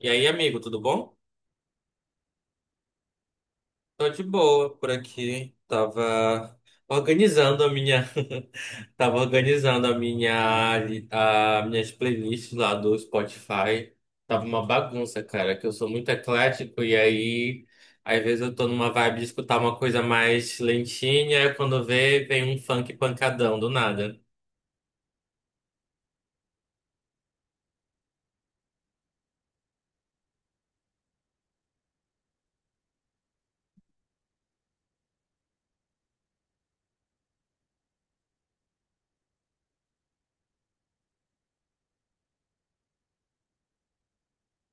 E aí, amigo, tudo bom? Tô de boa por aqui. Tava organizando a minha, tava organizando a minha, a minhas playlists lá do Spotify. Tava uma bagunça, cara, que eu sou muito eclético e aí às vezes eu tô numa vibe de escutar uma coisa mais lentinha, e quando vê, vem um funk pancadão do nada.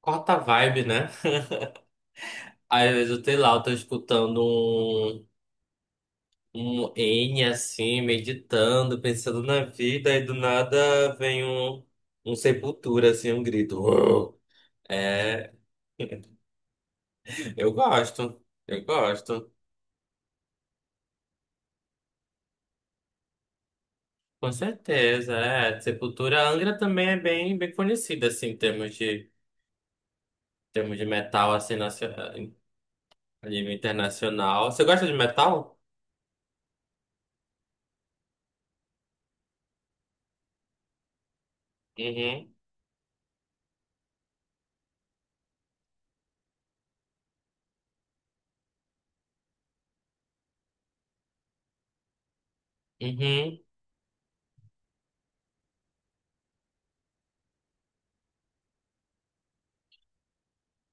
Corta a vibe, né? Às vezes eu sei lá, eu tô escutando um N assim, meditando, pensando na vida, e do nada vem um, um sepultura, assim, um grito. Uou! É, eu gosto, eu gosto. Com certeza, é. Sepultura, a Angra também é bem, bem conhecida, assim, em termos de metal, assim, a nível internacional. Você gosta de metal? Uhum. Uhum.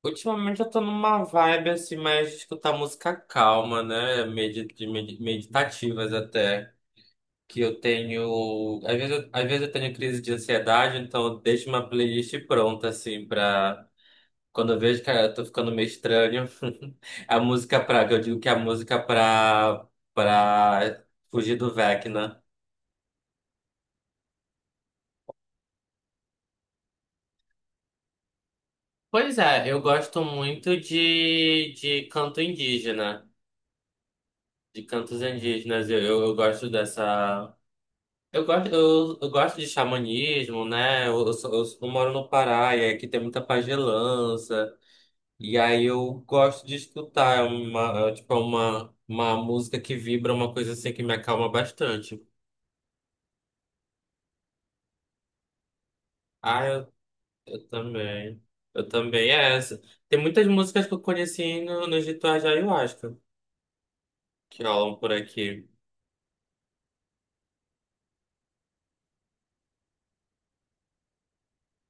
Ultimamente eu tô numa vibe assim, mais de escutar música calma, né? Meditativas até. Que eu tenho. Às vezes, às vezes eu tenho crise de ansiedade, então eu deixo uma playlist pronta, assim, pra. Quando eu vejo que eu tô ficando meio estranho, a música pra. Eu digo que é a música pra. Pra fugir do Vecna. Pois é, eu gosto muito de canto indígena, de cantos indígenas. Eu gosto dessa. Eu gosto, eu gosto de xamanismo, né? Eu moro no Pará e aqui tem muita pagelança. E aí eu gosto de escutar, é uma, é, tipo, é uma música que vibra, uma coisa assim que me acalma bastante. Ah, eu também. Eu também, é essa. Tem muitas músicas que eu conheci no, nos rituais de Ayahuasca, que rolam por aqui.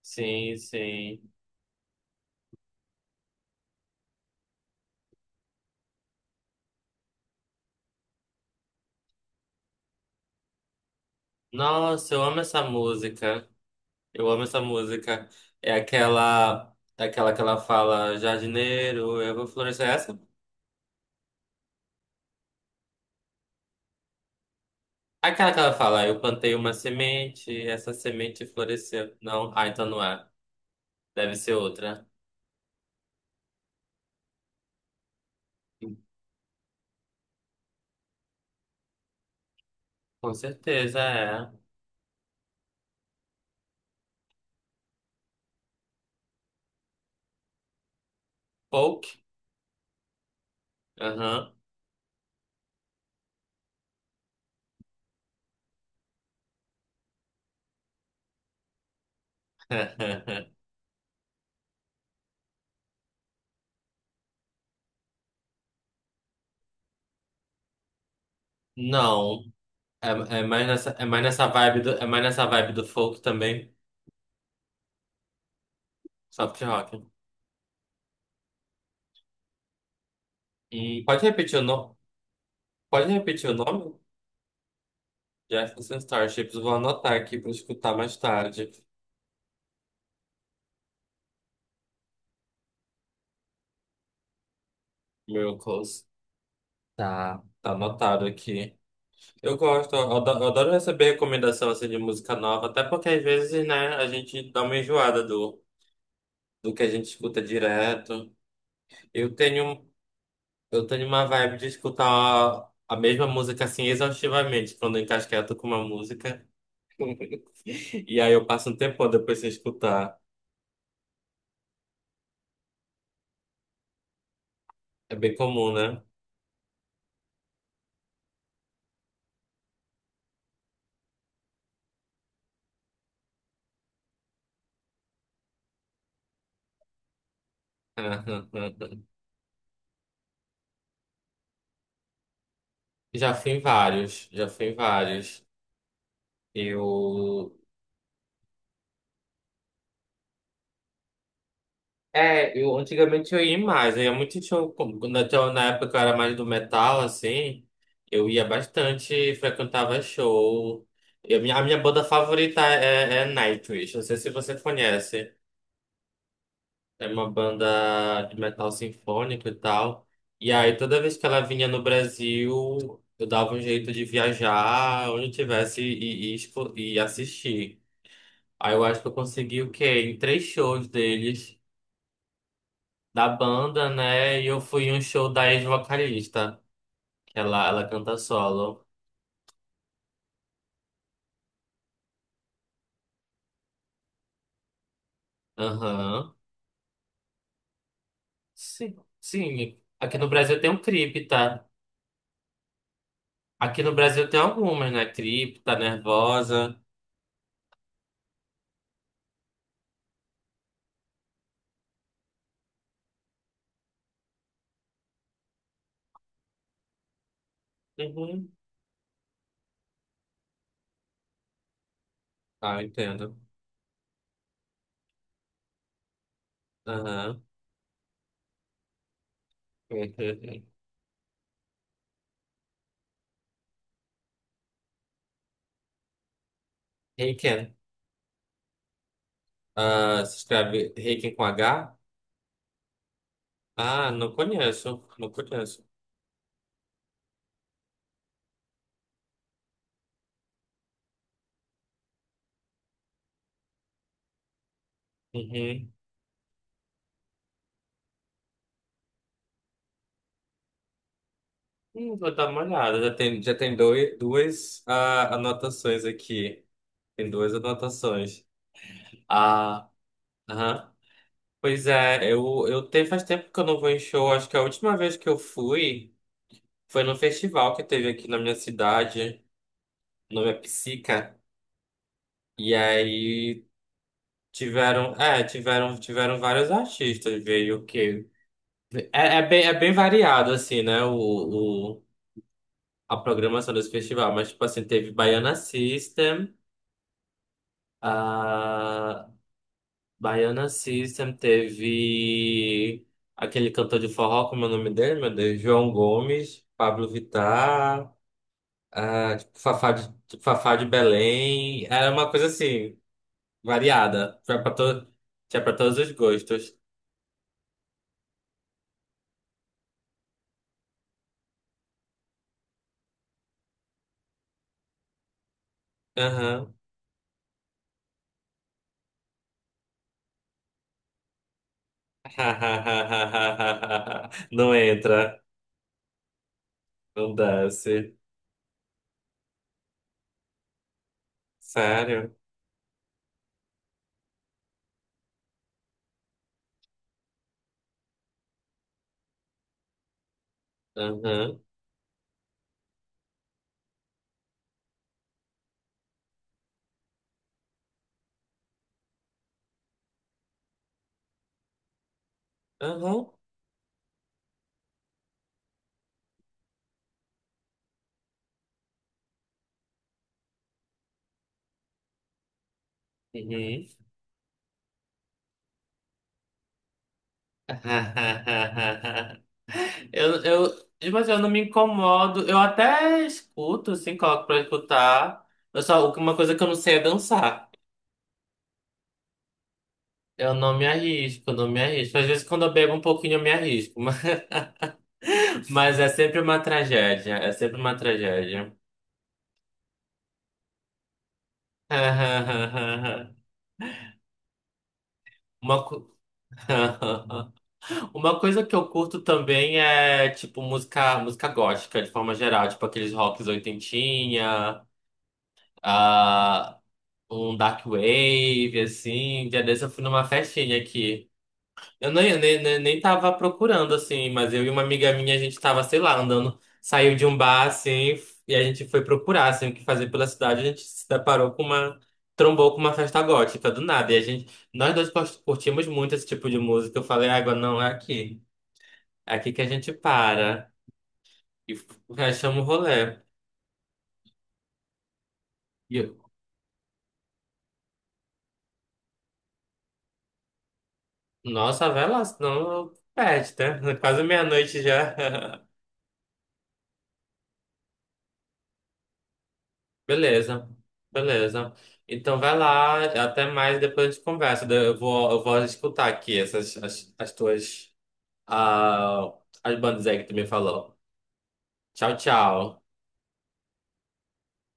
Sim, sim. Nossa, eu amo essa música. Eu amo essa música. É aquela que ela fala, jardineiro, eu vou florescer. É essa? Aquela que ela fala, eu plantei uma semente, essa semente floresceu. Não, ah, então não é. Deve ser outra. Com certeza é. Folk? Aham. Não. É, é mais nessa vibe do, é mais nessa vibe do folk também. Soft rock. Pode repetir o nome? Pode repetir o nome? Jefferson Starships. Vou anotar aqui para escutar mais tarde. Miracles. Tá, tá anotado aqui. Eu gosto, eu adoro receber recomendação assim de música nova, até porque às vezes, né, a gente dá uma enjoada do, do que a gente escuta direto. Eu tenho, eu tenho uma vibe de escutar a mesma música assim exaustivamente, quando eu encasqueto com uma música. E aí eu passo um tempão depois sem escutar. É bem comum, né? Já fui em vários. Eu é, eu antigamente eu ia mais, eu ia muito show, quando até na época que eu era mais do metal, assim, eu ia bastante, frequentava show. E a minha banda favorita é Nightwish, não sei se você conhece, é uma banda de metal sinfônico e tal. E aí toda vez que ela vinha no Brasil, eu dava um jeito de viajar onde eu tivesse e assistir. Aí eu acho que eu consegui o quê? Em três shows deles. Da banda, né? E eu fui em um show da ex-vocalista, que ela canta solo. Aham. Sim, sim. Aqui no Brasil tem um Cripta. Aqui no Brasil tem algumas, né? Cripta, Nervosa. Uhum. Ah, entendo. Aham. Reiken. Ah, se escreve Reiken com H? Ah, não conheço. Não conheço. Uhum. Vou dar uma olhada. Já tem dois, duas ah, anotações aqui. Tem duas anotações. Aham. Pois é, faz tempo que eu não vou em show. Acho que a última vez que eu fui foi no festival que teve aqui na minha cidade. O nome é Psica. E aí tiveram vários artistas. Veio o quê? É bem variado, assim, né? A programação desse festival. Mas, tipo assim, teve Baiana System. Baiana System teve aquele cantor de forró, como é o nome dele, meu Deus? João Gomes, Pablo Vittar, ah, tipo, Fafá de Belém. Era uma coisa assim, variada. Tinha pra, to... Tinha pra todos os gostos. Aham. Não entra, não desce. Sério? Aham. Aham. Uhum. Eu, eu, mas eu não me incomodo. Eu até escuto, assim, coloco pra escutar. Eu só, uma coisa que eu não sei é dançar. Eu não me arrisco. Às vezes quando eu bebo um pouquinho eu me arrisco. Mas é sempre uma tragédia. É sempre uma tragédia. Uma, co- uma coisa que eu curto também é, tipo, música gótica, de forma geral. Tipo, aqueles rocks oitentinha. Ah, um dark wave, assim. Um dia desse eu fui numa festinha aqui. Eu nem tava procurando, assim, mas eu e uma amiga minha, a gente tava, sei lá, andando, saiu de um bar, assim, e a gente foi procurar, assim, o que fazer pela cidade. A gente se deparou com uma. Trombou com uma festa gótica do nada. E a gente, curtimos muito esse tipo de música. Eu falei, água, não, é aqui. É aqui que a gente para. E f- Rachamos o rolê. E eu, nossa, vai lá, senão perde, né? Quase meia-noite já. Beleza, beleza. Então vai lá, até mais, depois a gente conversa. Eu vou escutar aqui as tuas ah, as bandas aí que tu me falou. Tchau, tchau.